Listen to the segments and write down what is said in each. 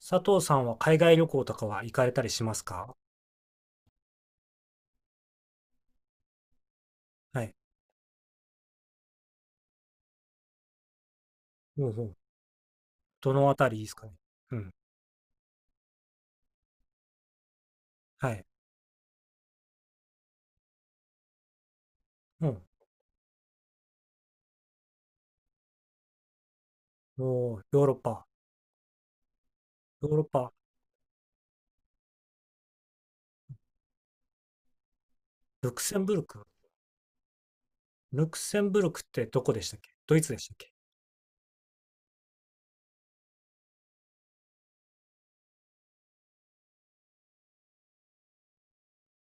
佐藤さんは海外旅行とかは行かれたりしますか？はい。ほうんうん。どのあたりですかね。うん。はい。うん。おー、ヨーロッパ。ヨーロッパ。ルクセンブルク。ルクセンブルクってどこでしたっけ？ドイツでしたっけ？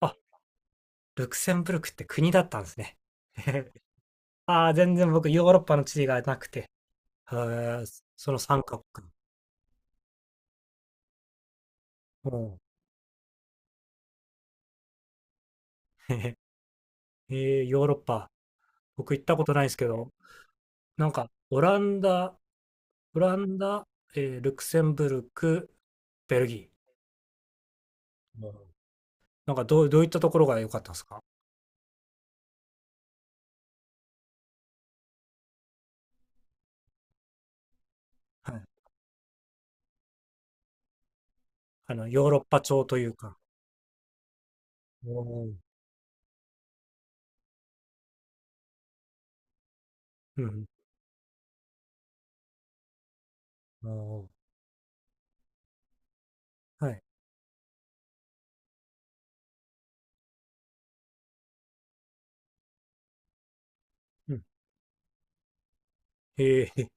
あ、ルクセンブルクって国だったんですね。ああ、全然僕ヨーロッパの地理がなくて。へー、その角カ国。うん。えー、ヨーロッパ。僕行ったことないですけど、なんか、オランダ、えー、ルクセンブルク、ベルギー。うん、なんかどういったところが良かったですか？はい。あの、ヨーロッパ調というか。おー。うん。おー。はい。うん。えー、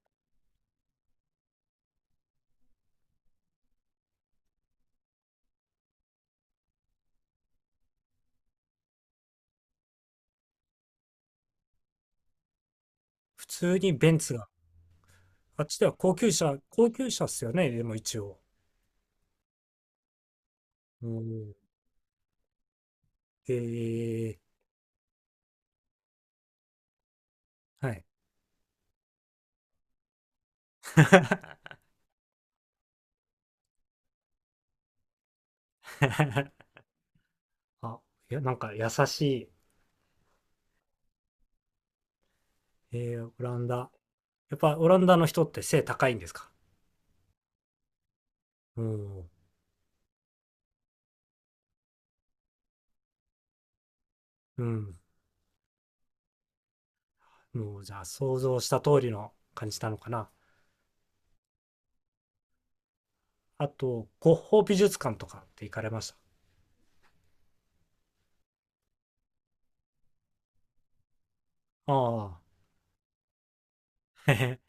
普通にベンツが。あっちでは高級車っすよね、でも一応。うん、えー、はい。あ、いや、なんか優しい。えー、オランダ。やっぱオランダの人って背高いんですか？うん。うん。もうじゃあ想像した通りの感じなのかな。あと、ゴッホ美術館とかって行かれました？ああ、へ。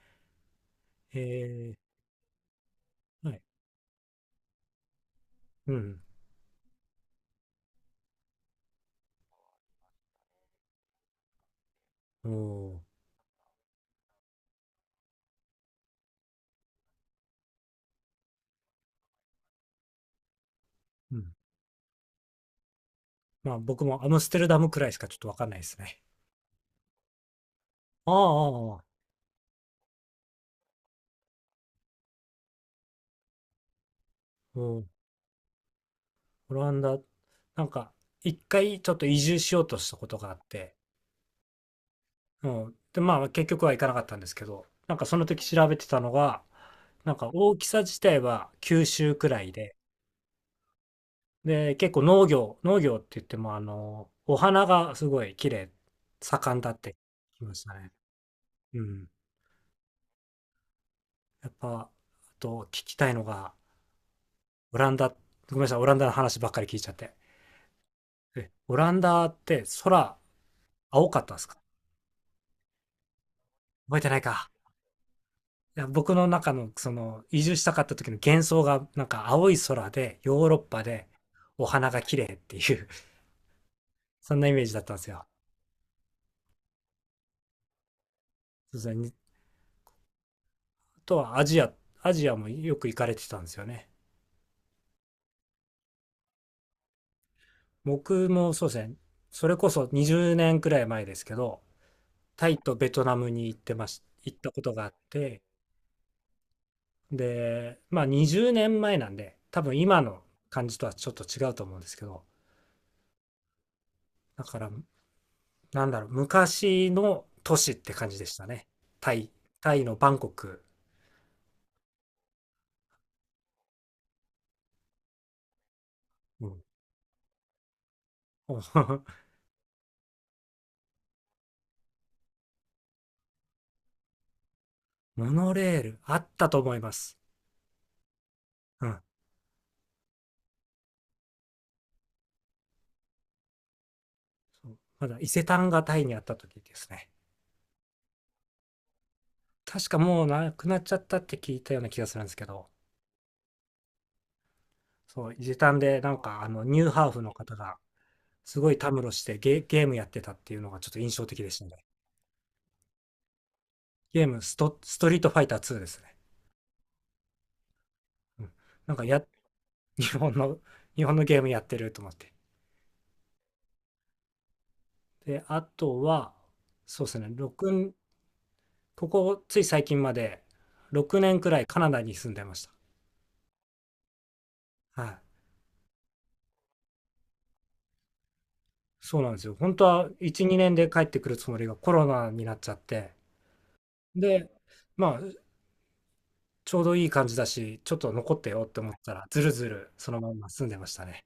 へ、えー、はい。うん、おー。うん。まあ僕もアムステルダムくらいしかちょっとわかんないですね。ああ、ああ、ああ。うん。オランダ、なんか、一回ちょっと移住しようとしたことがあって、うん。で、まあ結局は行かなかったんですけど、なんかその時調べてたのが、なんか大きさ自体は九州くらいで、で、結構農業って言ってもあの、お花がすごい綺麗、盛んだって聞きましたね。うん。やっぱ、あと聞きたいのが、オランダ、ごめんなさい、オランダの話ばっかり聞いちゃって。え、オランダって空、青かったんですか？覚えてないか。いや、僕の中の、その、移住したかった時の幻想が、なんか青い空で、ヨーロッパで、お花が綺麗っていう そんなイメージだったんですよ。そうですね。あとはアジア、アジアもよく行かれてたんですよね。僕もそうですね、それこそ20年くらい前ですけど、タイとベトナムに行ってまし、行ったことがあって、で、まあ20年前なんで、多分今の感じとはちょっと違うと思うんですけど、だから、なんだろう、昔の都市って感じでしたね。タイ、タイのバンコク。うん、お。 モノレール、あったと思います。うん。そう、まだ伊勢丹がタイにあった時ですね。確かもうなくなっちゃったって聞いたような気がするんですけど、そう、伊勢丹でなんかあのニューハーフの方がすごいたむろしてゲームやってたっていうのがちょっと印象的でしたね。ゲームスト、ストリートファイター2ですね。うん、なんかや、日本の、日本のゲームやってると思って。で、あとは、そうですね、6、ここつい最近まで6年くらいカナダに住んでました。はい。そうなんですよ。本当は1、2年で帰ってくるつもりがコロナになっちゃって、で、まあ、ちょうどいい感じだし、ちょっと残ってよって思ったら、ずるずるそのまんま住んでましたね。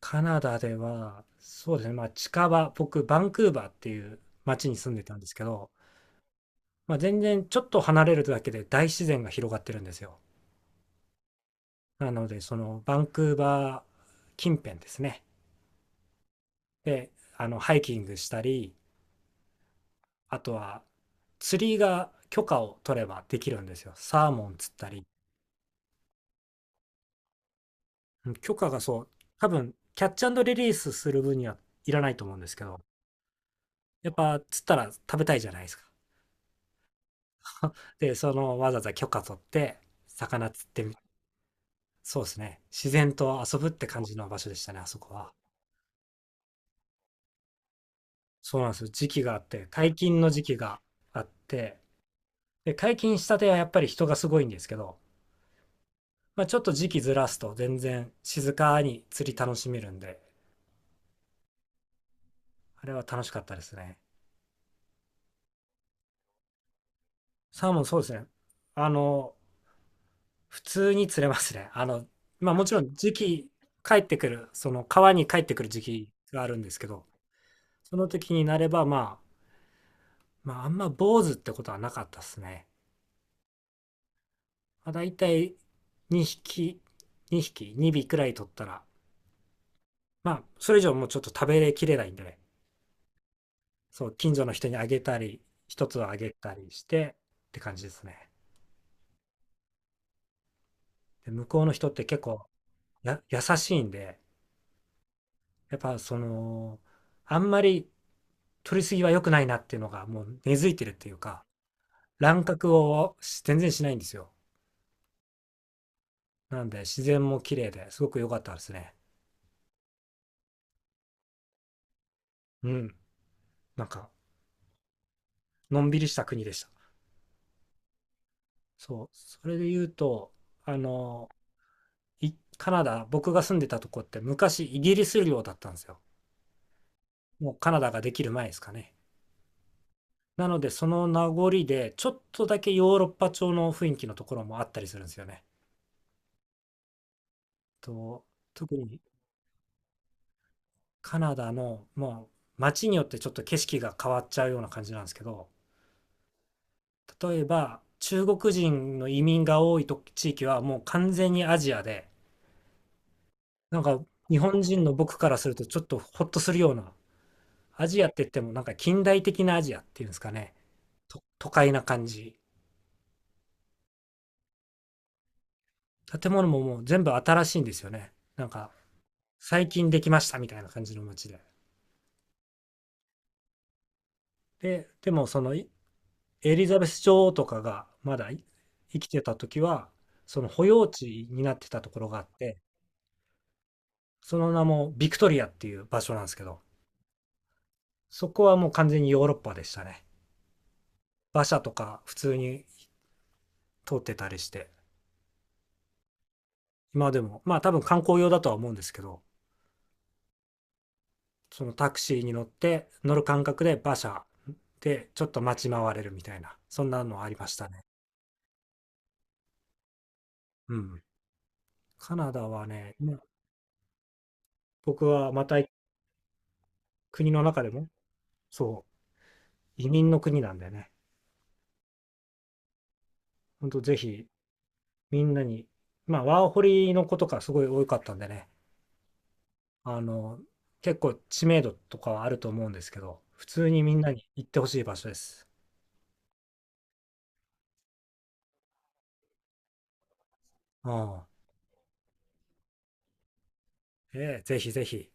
カナダでは、そうですね、まあ近場、僕、バンクーバーっていう街に住んでたんですけど、まあ全然ちょっと離れるだけで大自然が広がってるんですよ。なので、そのバンクーバー近辺ですね。で、あの、ハイキングしたり、あとは釣りが許可を取ればできるんですよ。サーモン釣ったり。うん、許可が、そう、多分、キャッチリリースする分にはいらないと思うんですけど、やっぱ釣ったら食べたいじゃないですか。で、そのわざわざ許可取って、魚釣ってみ、そうですね。自然と遊ぶって感じの場所でしたね、あそこは。そうなんですよ。時期があって、解禁の時期があって、で、解禁したてはやっぱり人がすごいんですけど、まあ、ちょっと時期ずらすと全然静かに釣り楽しめるんで、あれは楽しかったですね。サーモン、そうですね。あの、普通に釣れますね。あの、まあもちろん時期、帰ってくる、その川に帰ってくる時期があるんですけど、その時になればまあ、まあ、あんま坊主ってことはなかったっすね。まあ、だいたい2匹、2匹、2尾くらい取ったら、まあ、それ以上もうちょっと食べきれないんでね。そう、近所の人にあげたり、一つはあげたりしてって感じですね。で、向こうの人って結構や優しいんで、やっぱその、あんまり取りすぎは良くないなっていうのがもう根付いてるっていうか、乱獲をし全然しないんですよ。なんで自然も綺麗ですごく良かったですね。うん。なんか、のんびりした国でした。そう。それで言うと、あの、いカナダ、僕が住んでたとこって昔イギリス領だったんですよ。もうカナダができる前ですかね。なので、その名残で、ちょっとだけヨーロッパ調の雰囲気のところもあったりするんですよね。と、特にカナダの、もう街によってちょっと景色が変わっちゃうような感じなんですけど、例えば、中国人の移民が多いと地域はもう完全にアジアで、なんか日本人の僕からするとちょっとホッとするような、アジアって言ってもなんか近代的なアジアっていうんですかね、と都会な感じ。建物ももう全部新しいんですよね。なんか最近できましたみたいな感じの街で。で、でもそのい、エリザベス女王とかがまだい生きてた時は、その保養地になってたところがあって、その名もビクトリアっていう場所なんですけど、そこはもう完全にヨーロッパでしたね。馬車とか普通に通ってたりして。今でも、まあ多分観光用だとは思うんですけど、そのタクシーに乗って、乗る感覚で馬車でちょっと待ち回れるみたいな、そんなのありましたね。うん。カナダはね、今僕はまた国の中でも、そう、移民の国なんでね、ほんとぜひみんなに、まあワーホリの子とかすごい多かったんでね、あの、結構知名度とかはあると思うんですけど、普通にみんなに行ってほしい場所です。うん。ええ、ぜひぜひ。